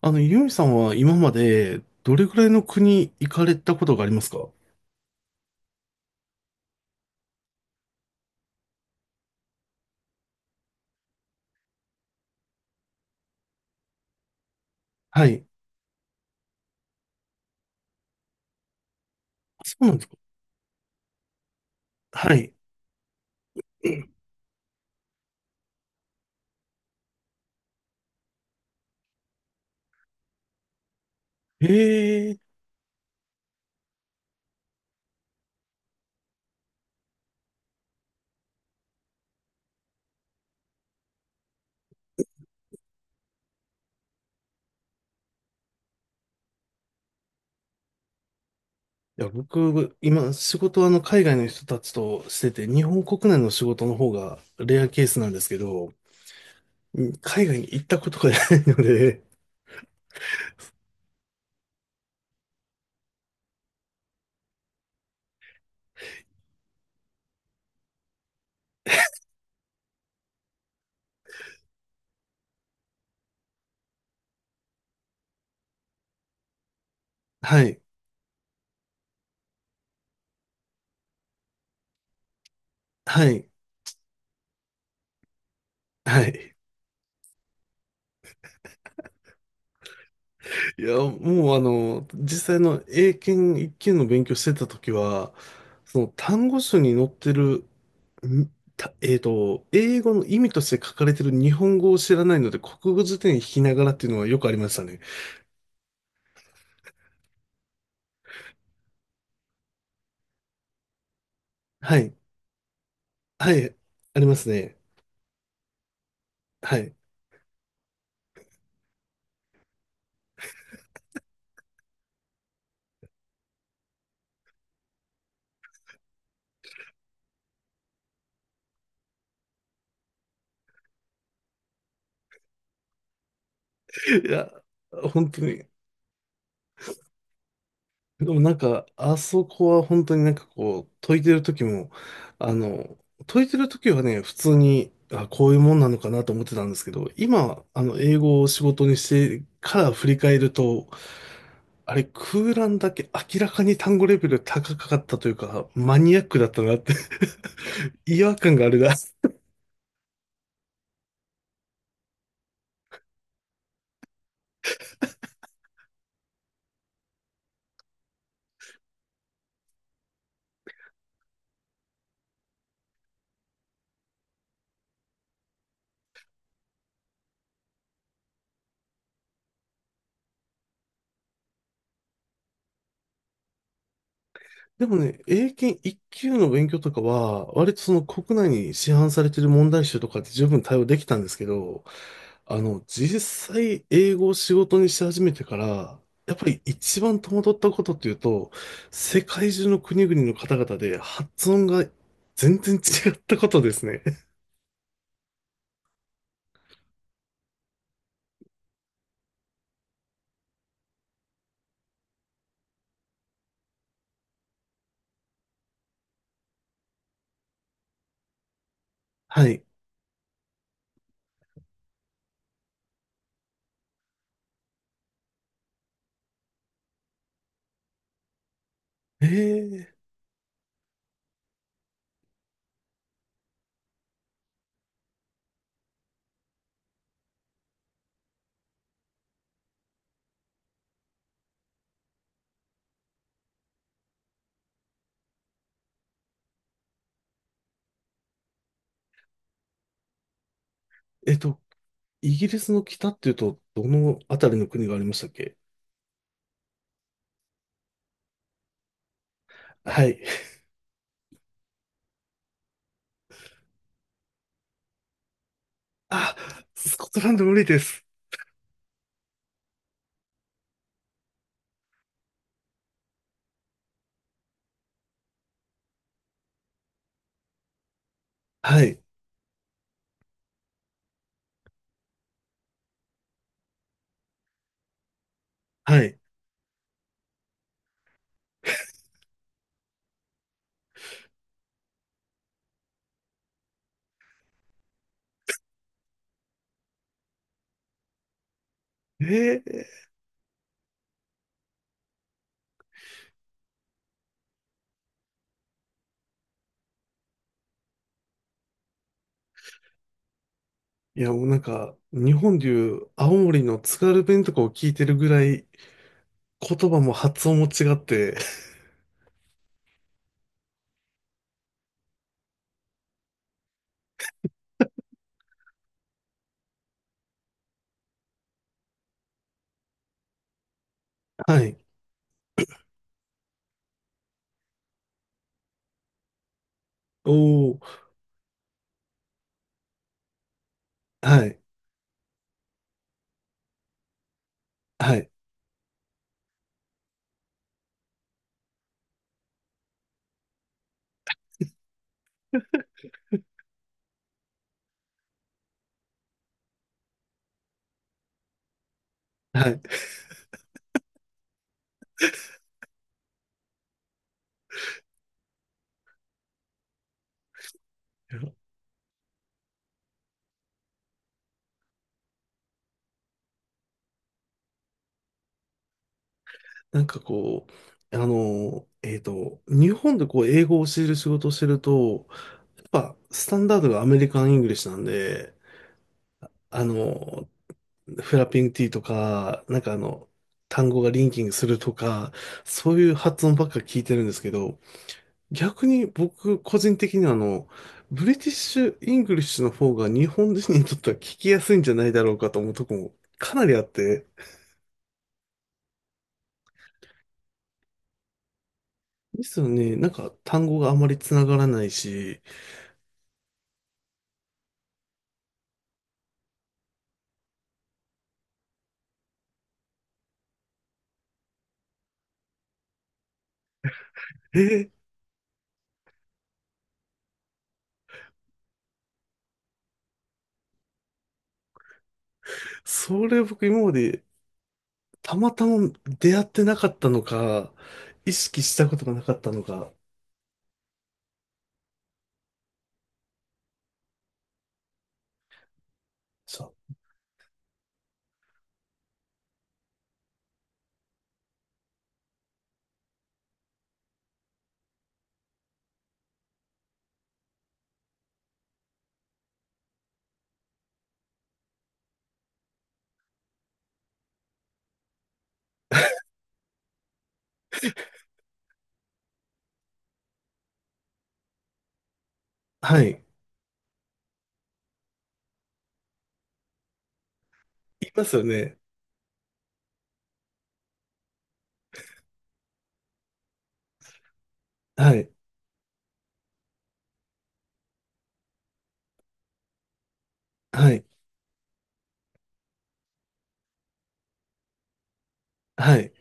ユミさんは今までどれくらいの国行かれたことがありますか？はい。そうなんですか？はい。ええ。いや、僕、今、仕事は海外の人たちとしてて、日本国内の仕事の方がレアケースなんですけど、うん、海外に行ったことがないので、はい。はい。はい。いや、もう実際の英検一級の勉強してた時は、その単語書に載ってる、んたえっと、英語の意味として書かれてる日本語を知らないので、国語辞典引きながらっていうのはよくありましたね。はい。はい。ありますね。はい。いや、本当に。でもなんか、あそこは本当になんかこう、解いてる時も、あの、解いてる時はね、普通に、あ、こういうもんなのかなと思ってたんですけど、今、英語を仕事にしてから振り返ると、あれ、空欄だけ明らかに単語レベル高かったというか、マニアックだったなって 違和感があるな。でもね、英検1級の勉強とかは、割とその国内に市販されてる問題集とかって十分対応できたんですけど、実際英語を仕事にし始めてから、やっぱり一番戸惑ったことっていうと、世界中の国々の方々で発音が全然違ったことですね。はい。えー、えっと、イギリスの北っていうと、どのあたりの国がありましたっけ？はい。あ、スコットランド無理です。はい。はい。えー、いやもうなんか、日本でいう青森の津軽弁とかを聞いてるぐらい、言葉も発音も違って、はい。おお、はい、はい、はい。なんかこう、日本でこう、英語を教える仕事をしてると、やっぱ、スタンダードがアメリカン・イングリッシュなんで、あの、フラッピング T とか、なんか、単語がリンキングするとか、そういう発音ばっか聞いてるんですけど、逆に僕、個人的にはブリティッシュ・イングリッシュの方が日本人にとっては聞きやすいんじゃないだろうかと思うとこもかなりあって、ですよね。なんか単語があまりつながらないし、え、それ僕今までたまたま出会ってなかったのか、意識したことがなかったのか。そう。はい。いますよね。はい。はい。はい。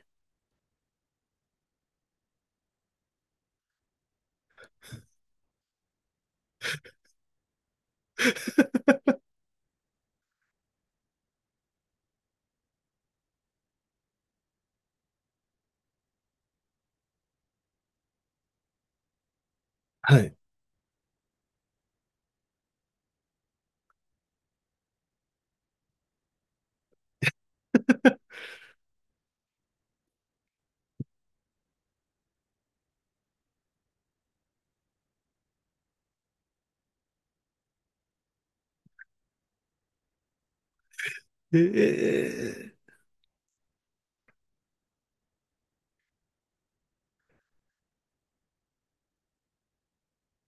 はい。えー、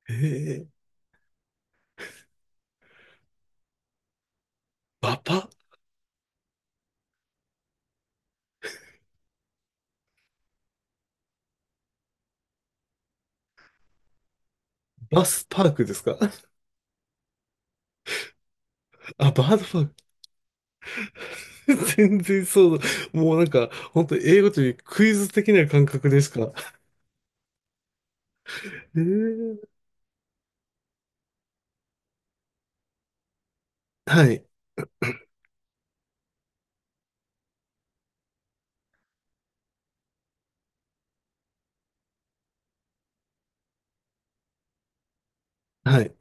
えー、バパ、バスパークですか？ あ、バードパーク。全然そうだ。もうなんか、本当英語というクイズ的な感覚ですか？えー、はい。はい。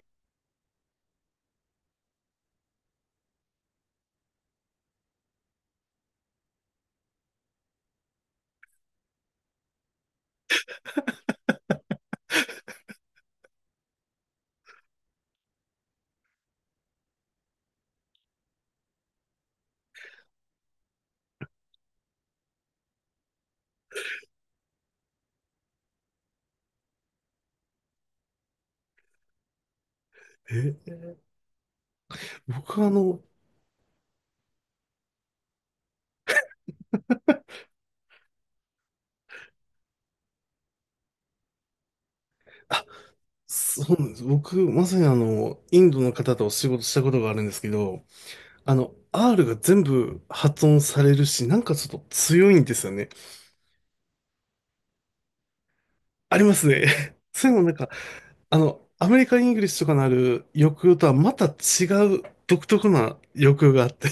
え、僕はあ、そうなんです。僕、まさにインドの方とお仕事したことがあるんですけど、R が全部発音されるし、なんかちょっと強いんですよね。ありますね。それもなんか、アメリカン・イングリッシュとかのある抑揚とはまた違う独特な抑揚があって。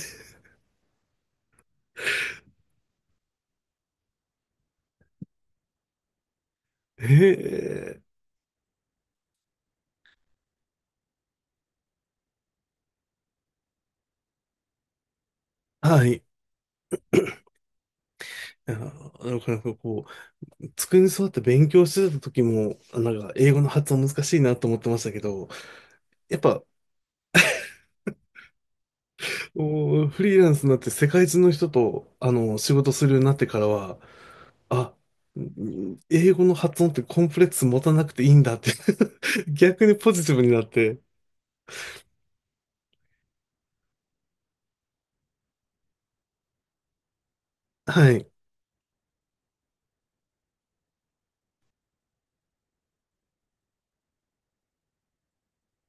へえ。はい。あの、なんかこう、机に座って勉強してた時も、なんか英語の発音難しいなと思ってましたけど、やっぱフリーランスになって世界中の人と、仕事するようになってからは、あ、英語の発音ってコンプレックス持たなくていいんだって 逆にポジティブになって、はい、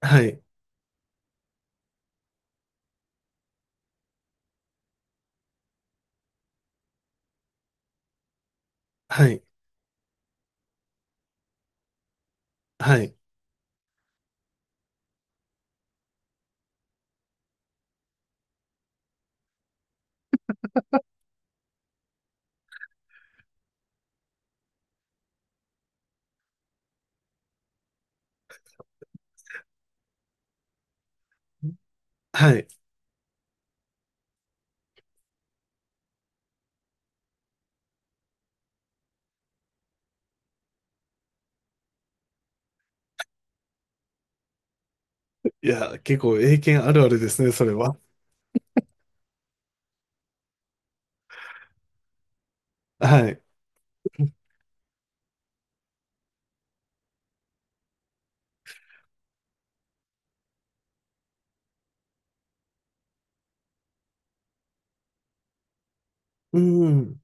はい、はい、はい、はい。いや、結構英検あるあるですね、それは。はい。うん。